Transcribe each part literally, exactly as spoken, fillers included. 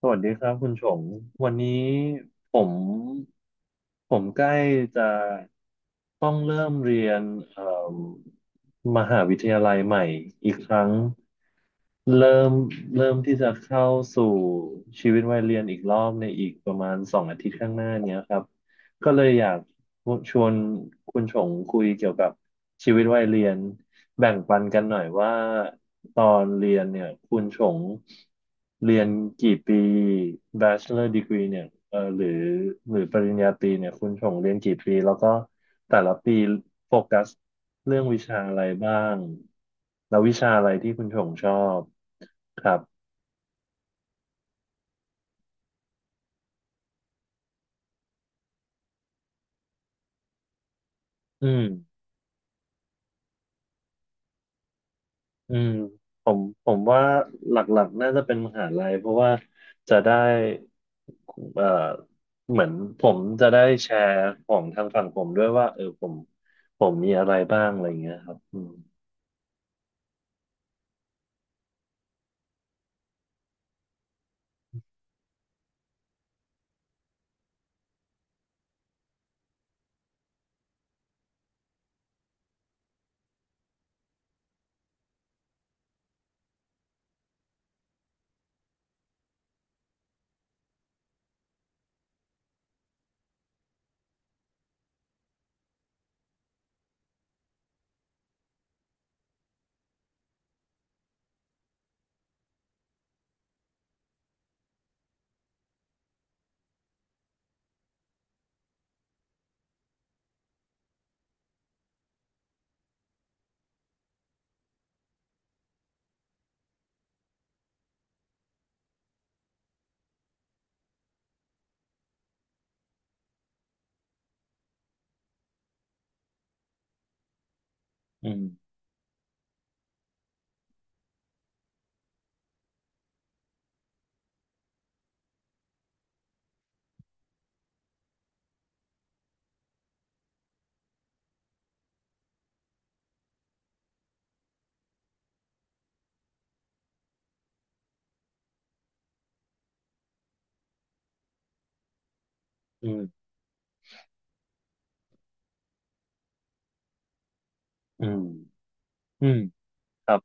สวัสดีครับคุณชงวันนี้ผมผมใกล้จะต้องเริ่มเรียนเอ่มมหาวิทยาลัยใหม่อีกครั้งเริ่มเริ่มที่จะเข้าสู่ชีวิตวัยเรียนอีกรอบในอีกประมาณสองอาทิตย์ข้างหน้าเนี้ยครับก็เลยอยากชวนคุณชงคุยเกี่ยวกับชีวิตวัยเรียนแบ่งปันกันหน่อยว่า ตอนเรียนเนี่ยคุณชงเรียนกี่ปี Bachelor Degree เนี่ยเออหรือหรือปริญญาตรีเนี่ยคุณชงเรียนกี่ปีแล้วก็แต่ละปีโฟกัสเรื่องวิชาอะไรบ้างแล้ววิชาอะไรที่คุณชงชอบครับอืม อืมผมผมว่าหลักๆน่าจะเป็นมหาลัยเพราะว่าจะได้เอ่อเหมือนผมจะได้แชร์ของทางฝั่งผมด้วยว่าเออผมผมมีอะไรบ้างอะไรเงี้ยครับอืมอืมอืมอืมอืมครับ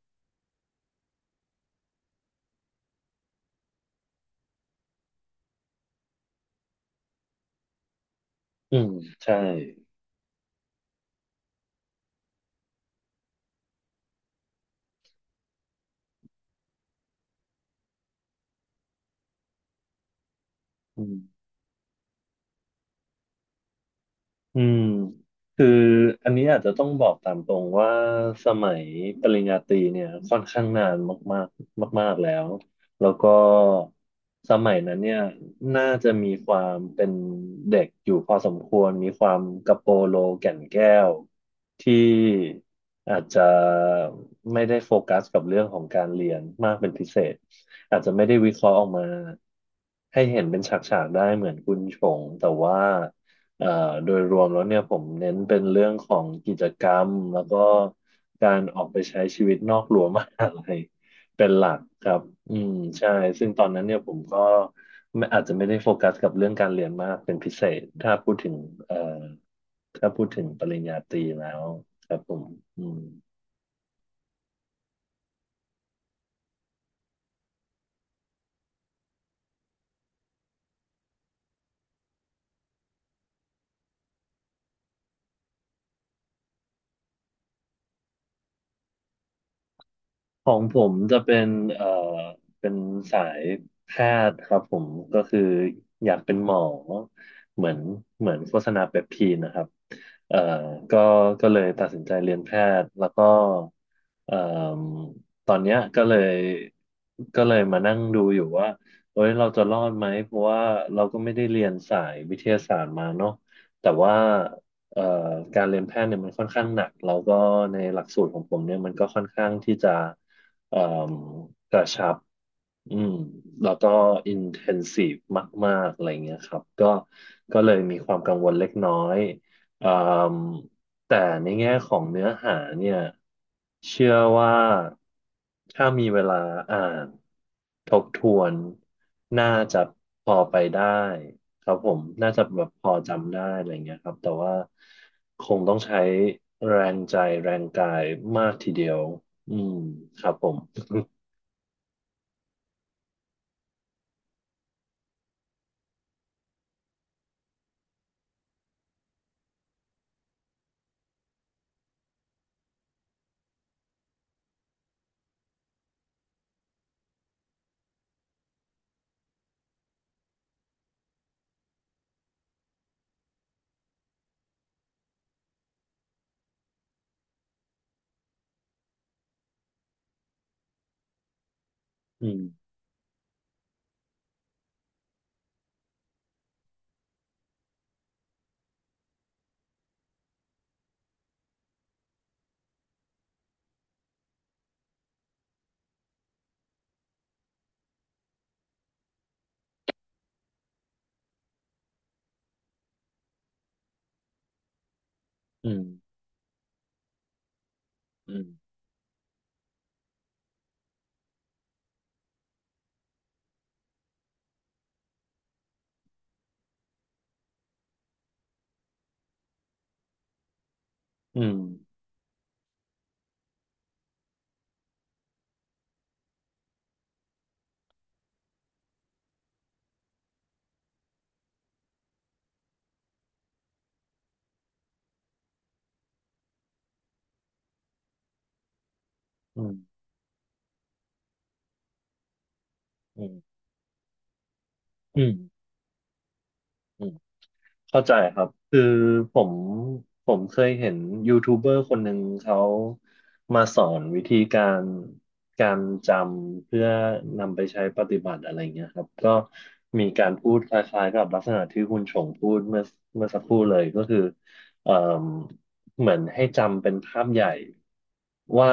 อืมใช่อืม อืมคืออันนี้อาจจะต้องบอกตามตรงว่าสมัยปริญญาตรีเนี่ยค่อนข้างนานมากๆมากๆแล้วแล้วก็สมัยนั้นเนี่ยน่าจะมีความเป็นเด็กอยู่พอสมควรมีความกระโปโลแก่นแก้วที่อาจจะไม่ได้โฟกัสกับเรื่องของการเรียนมากเป็นพิเศษอาจจะไม่ได้วิเคราะห์ออกมาให้เห็นเป็นฉากๆได้เหมือนคุณชงแต่ว่า เอ่อโดยรวมแล้วเนี่ยผมเน้นเป็นเรื่องของกิจกรรมแล้วก็การออกไปใช้ชีวิตนอกรั้วมหาลัย เป็นหลักครับอืมใช่ซึ่งตอนนั้นเนี่ยผมก็ไม่อาจจะไม่ได้โฟกัสกับเรื่องการเรียนมากเป็นพิเศษถ้าพูดถึงเอ่อถ้าพูดถึงปริญญาตรีแล้วครับผมอืม ของผมจะเป็นเอ่อเป็นสายแพทย์ครับผมก็คืออยากเป็นหมอเหมือนเหมือนโฆษณาเปปทีนนะครับเอ่อก็ก็เลยตัดสินใจเรียนแพทย์แล้วก็เอ่อตอนเนี้ยก็เลยก็เลยมานั่งดูอยู่ว่าเอ้ยเราจะรอดไหมเพราะว่าเราก็ไม่ได้เรียนสายวิทยาศาสตร์มาเนาะแต่ว่า เอ่อการเรียนแพทย์เนี่ยมันค่อนข้างหนักแล้วก็ในหลักสูตรของผมเนี่ยมันก็ค่อนข้างที่จะเอ่มกระชับ อืมแล้วก็อินเทนซีฟมากๆอะไรเงี้ยครับก็ก็เลยมีความกังวลเล็กน้อยอ่ามแต่ในแง่ของเนื้อหาเนี่ยเชื่อว่าถ้ามีเวลาอ่านทบทวนน่าจะพอไปได้ครับผมน่าจะแบบพอจำได้อะไรเงี้ยครับแต่ว่าคงต้องใช้แรงใจแรงกายมากทีเดียวอืมครับผมอืมอืมอืม อืมอืมอืมอืมอืม เข้าใจครับคือผมผมเคยเห็นยูทูบเบอร์คนหนึ่งเขามาสอนวิธีการการจำเพื่อนำไปใช้ปฏิบัติอะไรเงี้ยครับก็มีการพูดคล้ายๆกับลักษณะที่คุณชงพูดเมื่อเมื่อสักครู่เลยก็คือเอ่มเหมือนให้จำเป็นภาพใหญ่ว่า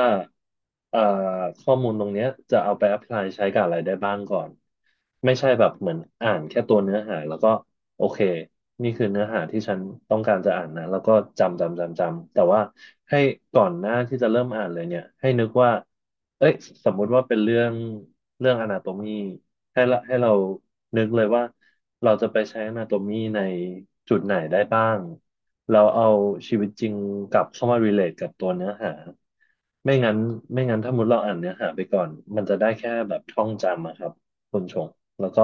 เอ่อข้อมูลตรงเนี้ยจะเอาไป apply ใช้กับอะไรได้บ้างก่อนไม่ใช่แบบเหมือนอ่านแค่ตัวเนื้อหาแล้วก็ โอเคนี่คือเนื้อหาที่ฉันต้องการจะอ่านนะแล้วก็จำจำจำจำแต่ว่าให้ก่อนหน้าที่จะเริ่มอ่านเลยเนี่ยให้นึกว่าเอ้ยสมมุติว่าเป็นเรื่องเรื่องอนาโตมีให้ละให้เรานึกเลยว่าเราจะไปใช้อนาโตมีในจุดไหนได้บ้างเราเอาชีวิตจริงกลับเข้ามา relate กับตัวเนื้อหาไม่งั้นไม่งั้นถ้ามุดเราอ่านเนื้อหาไปก่อนมันจะได้แค่แบบท่องจำอะครับ คนชงแล้วก็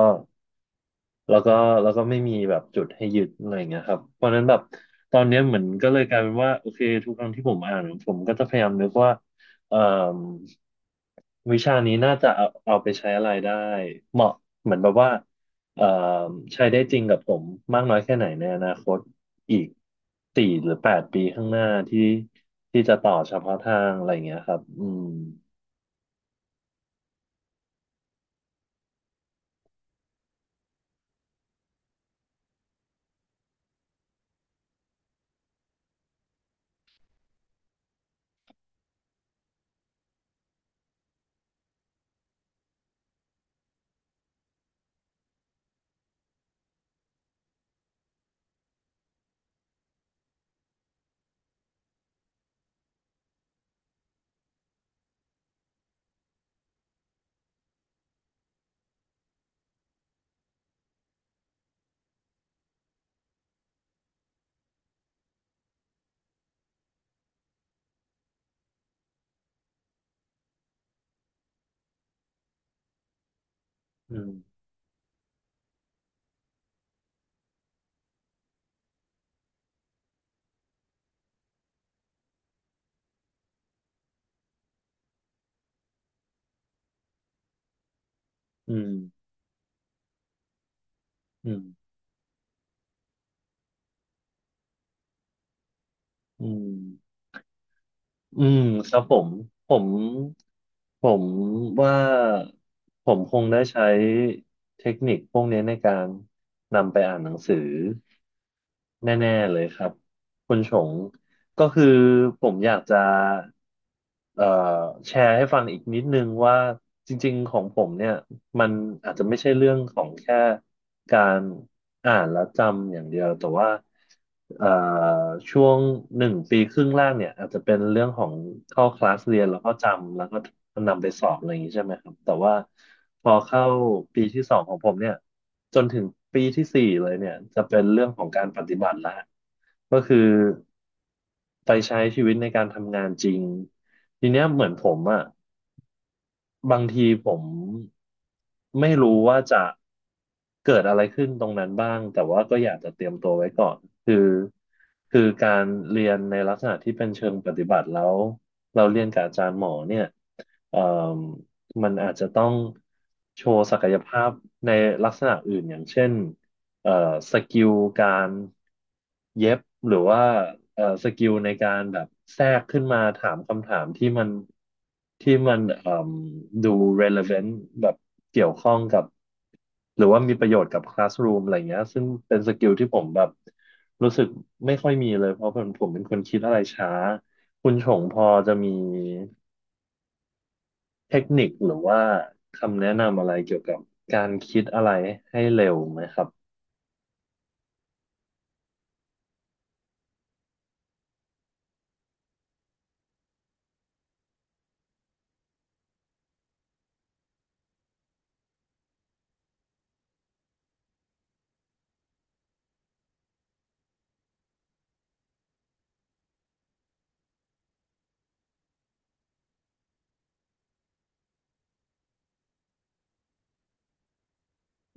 แล้วก็แล้วก็ไม่มีแบบจุดให้ยึดอะไรอย่างเงี้ยครับเพราะฉะนั้นแบบตอนเนี้ยเหมือนก็เลยกลายเป็นว่าโอเคทุกครั้งที่ผมอ่านผมก็จะพยายามนึกว่าเอ่มวิชานี้น่าจะเอาเอาไปใช้อะไรได้เหมาะเหมือนแบบว่าเอ่มใช้ได้จริงกับผมมากน้อยแค่ไหนในอนาคตอีกสี่หรือแปดปีข้างหน้าที่ที่จะต่อเฉพาะทางอะไรอย่างเงี้ยครับอืมอืมอืมอืมอืม อืมครับผมผมผมว่าผมคงได้ใช้เทคนิคพวกนี้ในการนำไปอ่านหนังสือแน่ๆเลยครับคุณชง ก็คือผมอยากจะเอ่อแชร์ให้ฟังอีกนิดนึงว่าจริงๆของผมเนี่ยมันอาจจะไม่ใช่เรื่องของแค่การอ่านและจำอย่างเดียวแต่ว่าเอ่อช่วงหนึ่งปีครึ่งแรกเนี่ยอาจจะเป็นเรื่องของเข้าคลาสเรียนแล้วก็จำแล้วก็นำไปสอบอะไรอย่างนี้ใช่ไหมครับแต่ว่าพอเข้าปีที่สองของผมเนี่ยจนถึงปีที่สี่เลยเนี่ยจะเป็นเรื่องของการปฏิบัติละก็คือ ไปใช้ชีวิตในการทำงานจริงทีเนี้ยเหมือนผมอะบางทีผมไม่รู้ว่าจะเกิดอะไรขึ้นตรงนั้นบ้างแต่ว่าก็อยากจะเตรียมตัวไว้ก่อนคือคือการเรียนในลักษณะที่เป็นเชิงปฏิบัติแล้วเราเรียนกับอาจารย์หมอเนี่ยเอ่มมันอาจจะต้องโชว์ศักยภาพในลักษณะอื่นอย่างเช่น เอ่อสกิลการเย็บหรือว่าเอ่อสกิลในการแบบแทรกขึ้นมาถามคำถามที่มันที่มันเอ่มดู relevant แบบเกี่ยวข้องกับหรือว่ามีประโยชน์กับ classroom อะไรเงี้ยซึ่งเป็นสกิลที่ผมแบบรู้สึกไม่ค่อยมีเลยเพราะผมผมเป็นคนคิดอะไรช้าคุณชงพอจะมีเทคนิคหรือว่าคำแนะนำอะไรเกี่ยวกับการคิดอะไรให้เร็วไหมครับ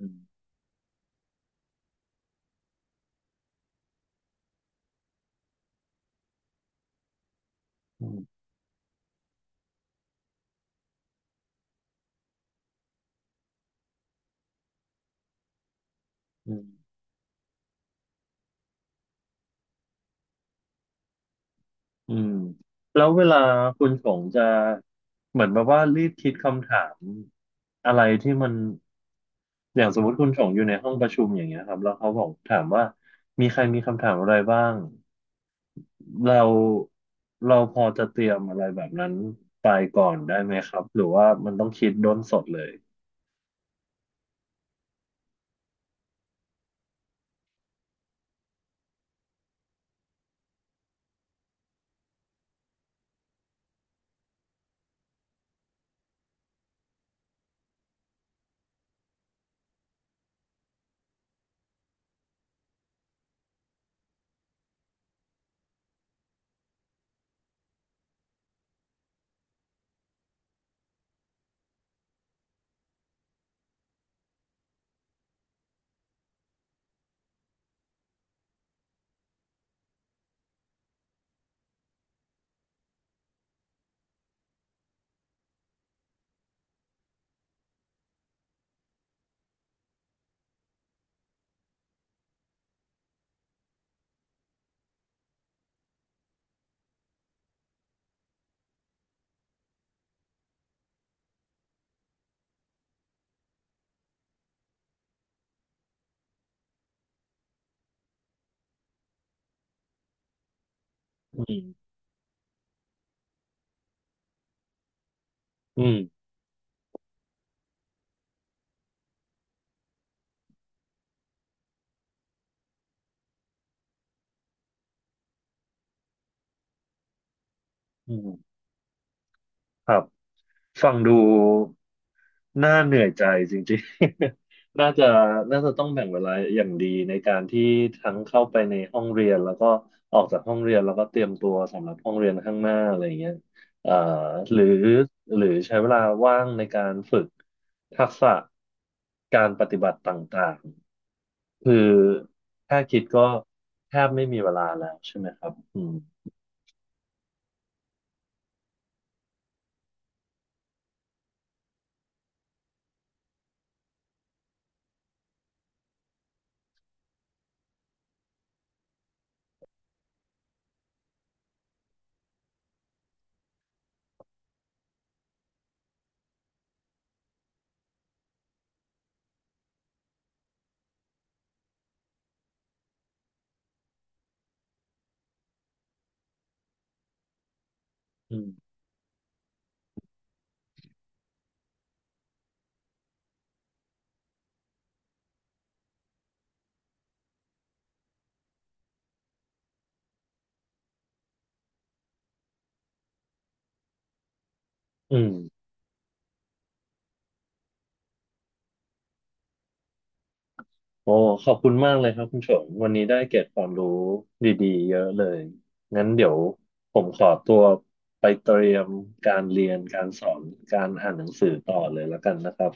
อืมอืมอืม อืมแล้วเวลาคุณชงจะเหมือนแบบว่ารีบคิดคำถามอะไรที่มันอย่างสมมติคุณชงอยู่ในห้องประชุมอย่างเงี้ยครับแล้วเขาบอกถามว่ามีใครมีคำถามอะไรบ้างเราเราพอจะเตรียมอะไรแบบนั้นไปก่อนได้ไหมครับหรือว่ามันต้องคิดด้นสดเลยอืมอืมอืมครับ ฟังดูน่าเหนื่อยใจจริงๆ น่าจะน่าจะต้องแบ่งเวลาอย่างดีในการที่ทั้งเข้าไปในห้องเรียนแล้วก็ออกจากห้องเรียนแล้วก็เตรียมตัวสำหรับห้องเรียนข้างหน้าอะไรอย่างเงี้ยเอ่อหรือหรือใช้เวลาว่างในการฝึกทักษะการปฏิบัติต่างๆคือแค่คิดก็แทบไม่มีเวลาแล้วใช่ไหมครับอืมอืมอืม โอ้ขอบคุณมากเลยครับคุณชงวันนี้ได้เกร็ดความรู้ดีๆเยอะเลยงั้นเดี๋ยวผมขอตัวไปเตรียมการเรียนการสอนการอ่านหนังสือต่อเลยแล้วกันนะครับ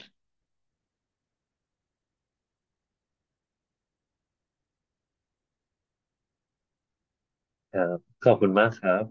ครับขอบคุณมากครับ